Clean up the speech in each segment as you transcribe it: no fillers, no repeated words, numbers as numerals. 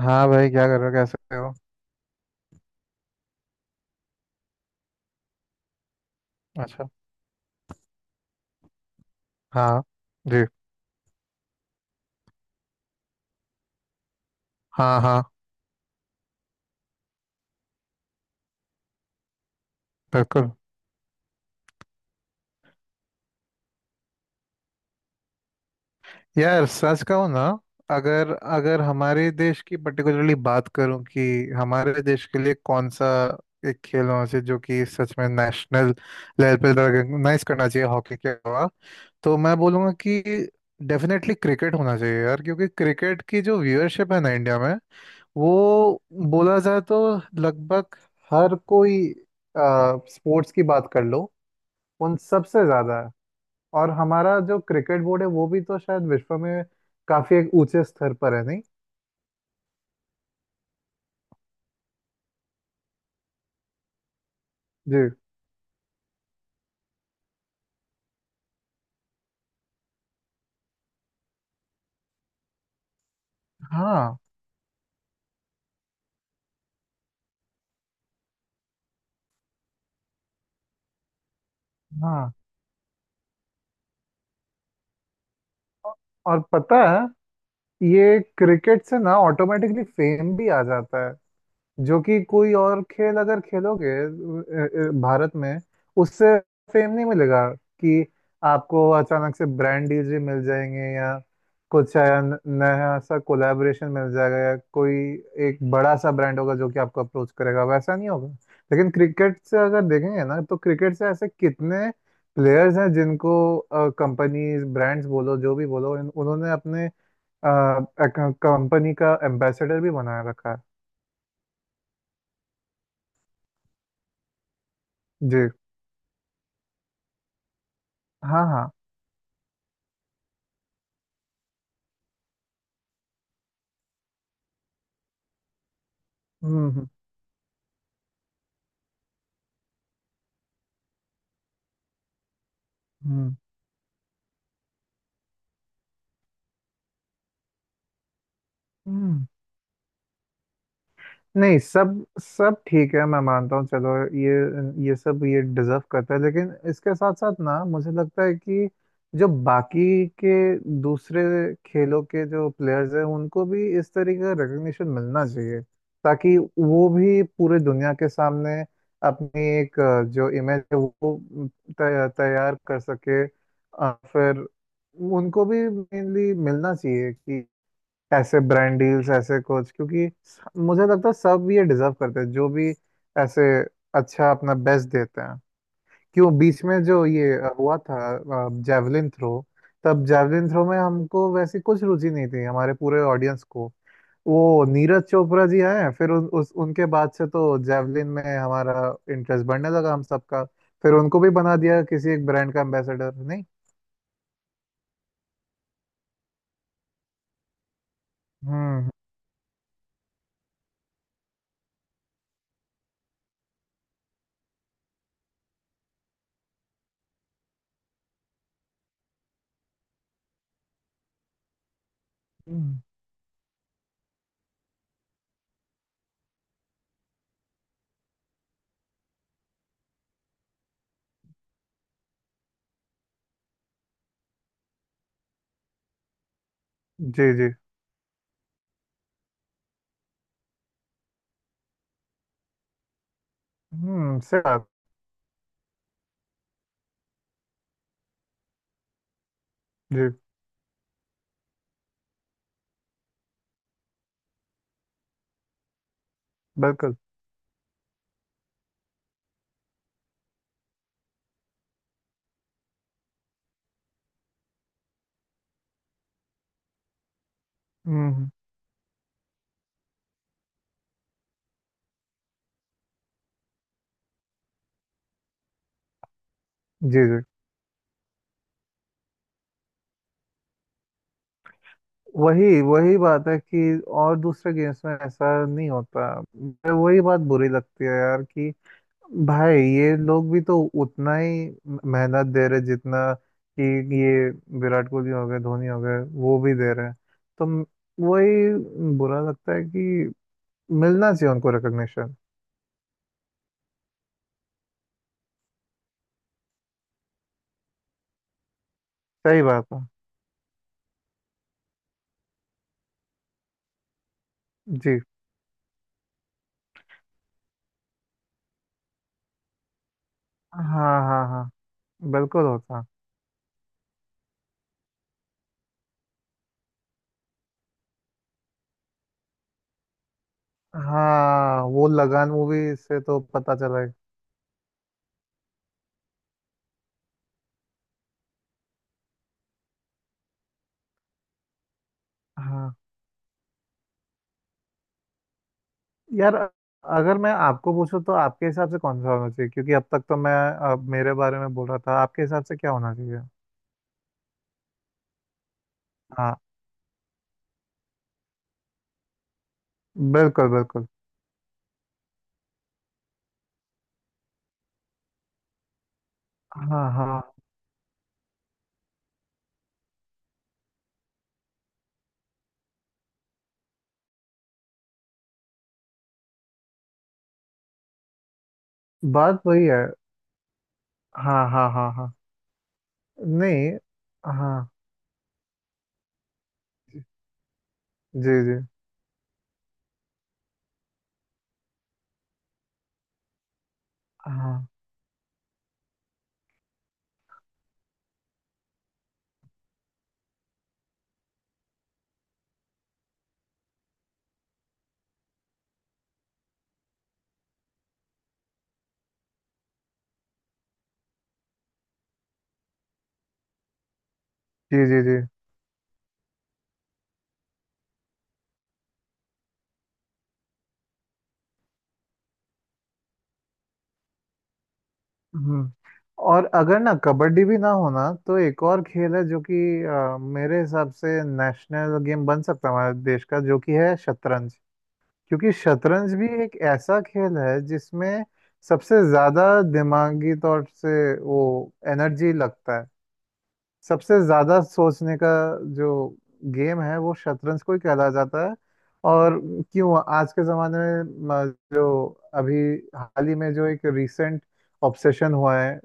हाँ भाई, क्या कर रहे हो? कैसे हो? अच्छा। हाँ। जी। हाँ, हाँ। बिल्कुल। यार, सच कहूँ ना, अगर अगर हमारे देश की पर्टिकुलरली बात करूँ कि हमारे देश के लिए कौन सा एक खेल होना चाहिए जो कि सच में नेशनल लेवल पे रिकॉग्नाइज करना चाहिए हॉकी के अलावा, तो मैं बोलूँगा कि डेफिनेटली क्रिकेट होना चाहिए यार। क्योंकि क्रिकेट की जो व्यूअरशिप है ना इंडिया में, वो बोला जाए तो लगभग हर कोई, स्पोर्ट्स की बात कर लो, उन सबसे ज्यादा है। और हमारा जो क्रिकेट बोर्ड है वो भी तो शायद विश्व में काफी एक ऊंचे स्तर पर है, नहीं? जी। हाँ, हाँ। औ- और पता है, ये क्रिकेट से ना ऑटोमेटिकली फेम भी आ जाता है। जो कि कोई और खेल अगर खेलोगे भारत में, उससे फेम नहीं मिलेगा कि आपको अचानक से ब्रांड डील जी मिल जाएंगे, या कुछ नया सा कोलैबोरेशन मिल जाएगा, या कोई एक बड़ा सा ब्रांड होगा जो कि आपको अप्रोच करेगा, वैसा नहीं होगा। लेकिन क्रिकेट से अगर देखेंगे ना, तो क्रिकेट से ऐसे कितने प्लेयर्स हैं जिनको कंपनीज, ब्रांड्स बोलो, जो भी बोलो, उन्होंने अपने कंपनी का एम्बेसडर भी बनाए रखा है। जी। हाँ, हाँ। हम्म। हम्म। हम्म। हम्म। नहीं, सब सब ठीक है, मैं मानता हूँ। चलो, ये सब ये डिजर्व करता है, लेकिन इसके साथ साथ ना, मुझे लगता है कि जो बाकी के दूसरे खेलों के जो प्लेयर्स हैं, उनको भी इस तरीके का रिकग्निशन मिलना चाहिए, ताकि वो भी पूरे दुनिया के सामने अपनी एक, जो इमेज है वो तैयार कर सके। फिर उनको भी मेनली मिलना चाहिए कि ऐसे ब्रांड डील्स, ऐसे कुछ। क्योंकि मुझे लगता है सब ये डिजर्व करते हैं, जो भी ऐसे अच्छा अपना बेस्ट देते हैं। क्यों बीच में जो ये हुआ था, जैवलिन थ्रो? तब जैवलिन थ्रो में हमको वैसी कुछ रुचि नहीं थी, हमारे पूरे ऑडियंस को। वो नीरज चोपड़ा जी आए, फिर उन, उस उनके बाद से तो जैवलिन में हमारा इंटरेस्ट बढ़ने लगा, हम सबका। फिर उनको भी बना दिया किसी एक ब्रांड का एम्बेसडर, नहीं? हम्म। हम्म, जी जी। हम्म, सही बात। जी। बिल्कुल। हम्म। जी, जी। वही वही बात है कि और दूसरे गेम्स में ऐसा नहीं होता, मुझे वही बात बुरी लगती है यार कि भाई ये लोग भी तो उतना ही मेहनत दे रहे, जितना कि ये विराट कोहली हो गए, धोनी हो गए, वो भी दे रहे हैं। तो वही बुरा लगता है कि मिलना चाहिए उनको रिकग्निशन। सही बात है। जी। हाँ, हाँ, हाँ। बिल्कुल होता। हाँ, वो लगान मूवी से तो पता चला है। हाँ यार, अगर मैं आपको पूछूं तो आपके हिसाब से कौन सा होना चाहिए? क्योंकि अब तक तो मैं मेरे बारे में बोल रहा था। आपके हिसाब से क्या होना चाहिए? हाँ। बिल्कुल, बिल्कुल। हाँ, हाँ। बात वही है। हाँ, हाँ, हाँ, हाँ। नहीं। हाँ। जी, जी। हाँ। जी, जी, जी। हम्म। और अगर ना कबड्डी भी ना होना, तो एक और खेल है जो कि, मेरे हिसाब से नेशनल गेम बन सकता है हमारे देश का, जो कि है शतरंज। क्योंकि शतरंज भी एक ऐसा खेल है जिसमें सबसे ज्यादा दिमागी तौर से वो एनर्जी लगता है। सबसे ज्यादा सोचने का जो गेम है, वो शतरंज को ही कहला जाता है। और क्यों आज के जमाने में, जो अभी हाल ही में जो एक रिसेंट ऑब्सेशन हुआ है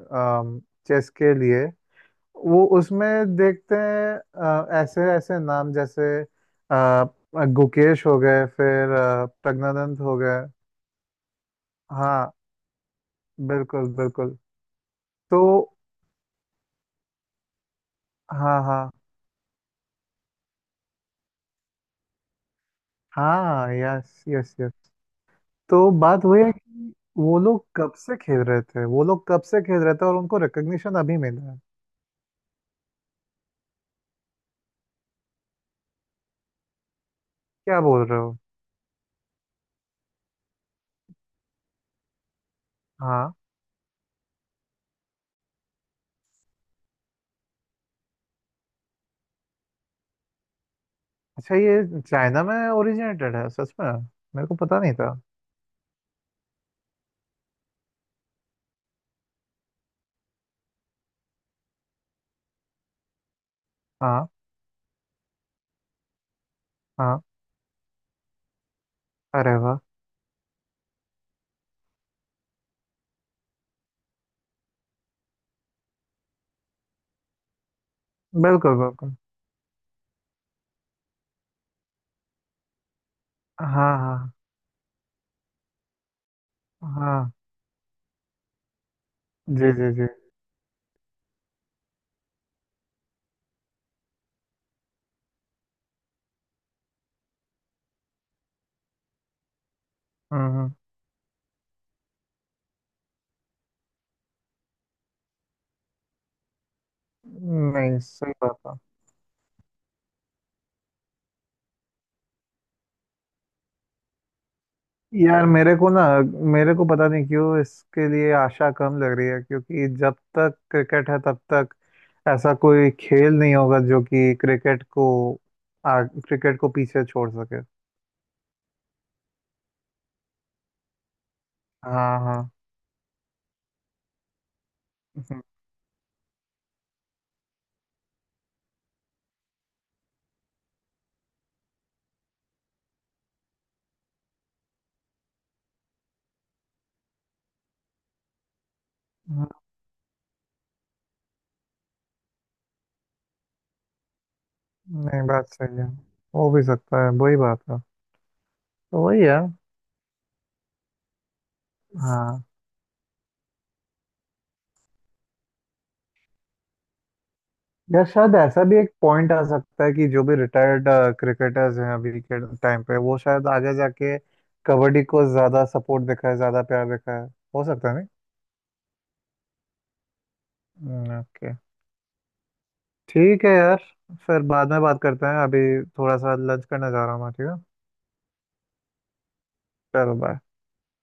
चेस के लिए, वो उसमें देखते हैं ऐसे ऐसे नाम, जैसे गुकेश हो गए, फिर प्रज्ञानंद हो गए। हाँ, बिल्कुल बिल्कुल। तो हाँ। हाँ, हाँ। Yes, yes, yes. तो बात वही है कि वो लोग कब से खेल रहे थे, वो लोग कब से खेल रहे थे, और उनको रिकग्निशन अभी मिला है। क्या बोल रहे हो? हाँ। अच्छा, ये चाइना में ओरिजिनेटेड है सच में? मेरे को पता नहीं था। हाँ, हाँ। अरे वाह। बिल्कुल बिल्कुल। हाँ, हाँ, हाँ। जी, जी, जी। हम्म। नहीं, सही बात है। यार मेरे को ना, मेरे को पता नहीं क्यों इसके लिए आशा कम लग रही है। क्योंकि जब तक क्रिकेट है तब तक ऐसा कोई खेल नहीं होगा जो कि क्रिकेट को, क्रिकेट को पीछे छोड़ सके। हाँ, हाँ। हम्म। हम्म। नहीं, बात सही है। हो भी सकता है, वही बात है, तो वही है। हाँ। या शायद ऐसा भी एक पॉइंट आ सकता है कि जो भी रिटायर्ड क्रिकेटर्स हैं अभी के टाइम पे, वो शायद आगे जाके कबड्डी को ज्यादा सपोर्ट दिखाए, ज्यादा प्यार दिखाए। हो सकता है। नहीं, ओके। ठीक है यार। फिर बाद में बात करते हैं। अभी थोड़ा सा लंच करने जा रहा हूँ मैं, ठीक है? चलो बाय।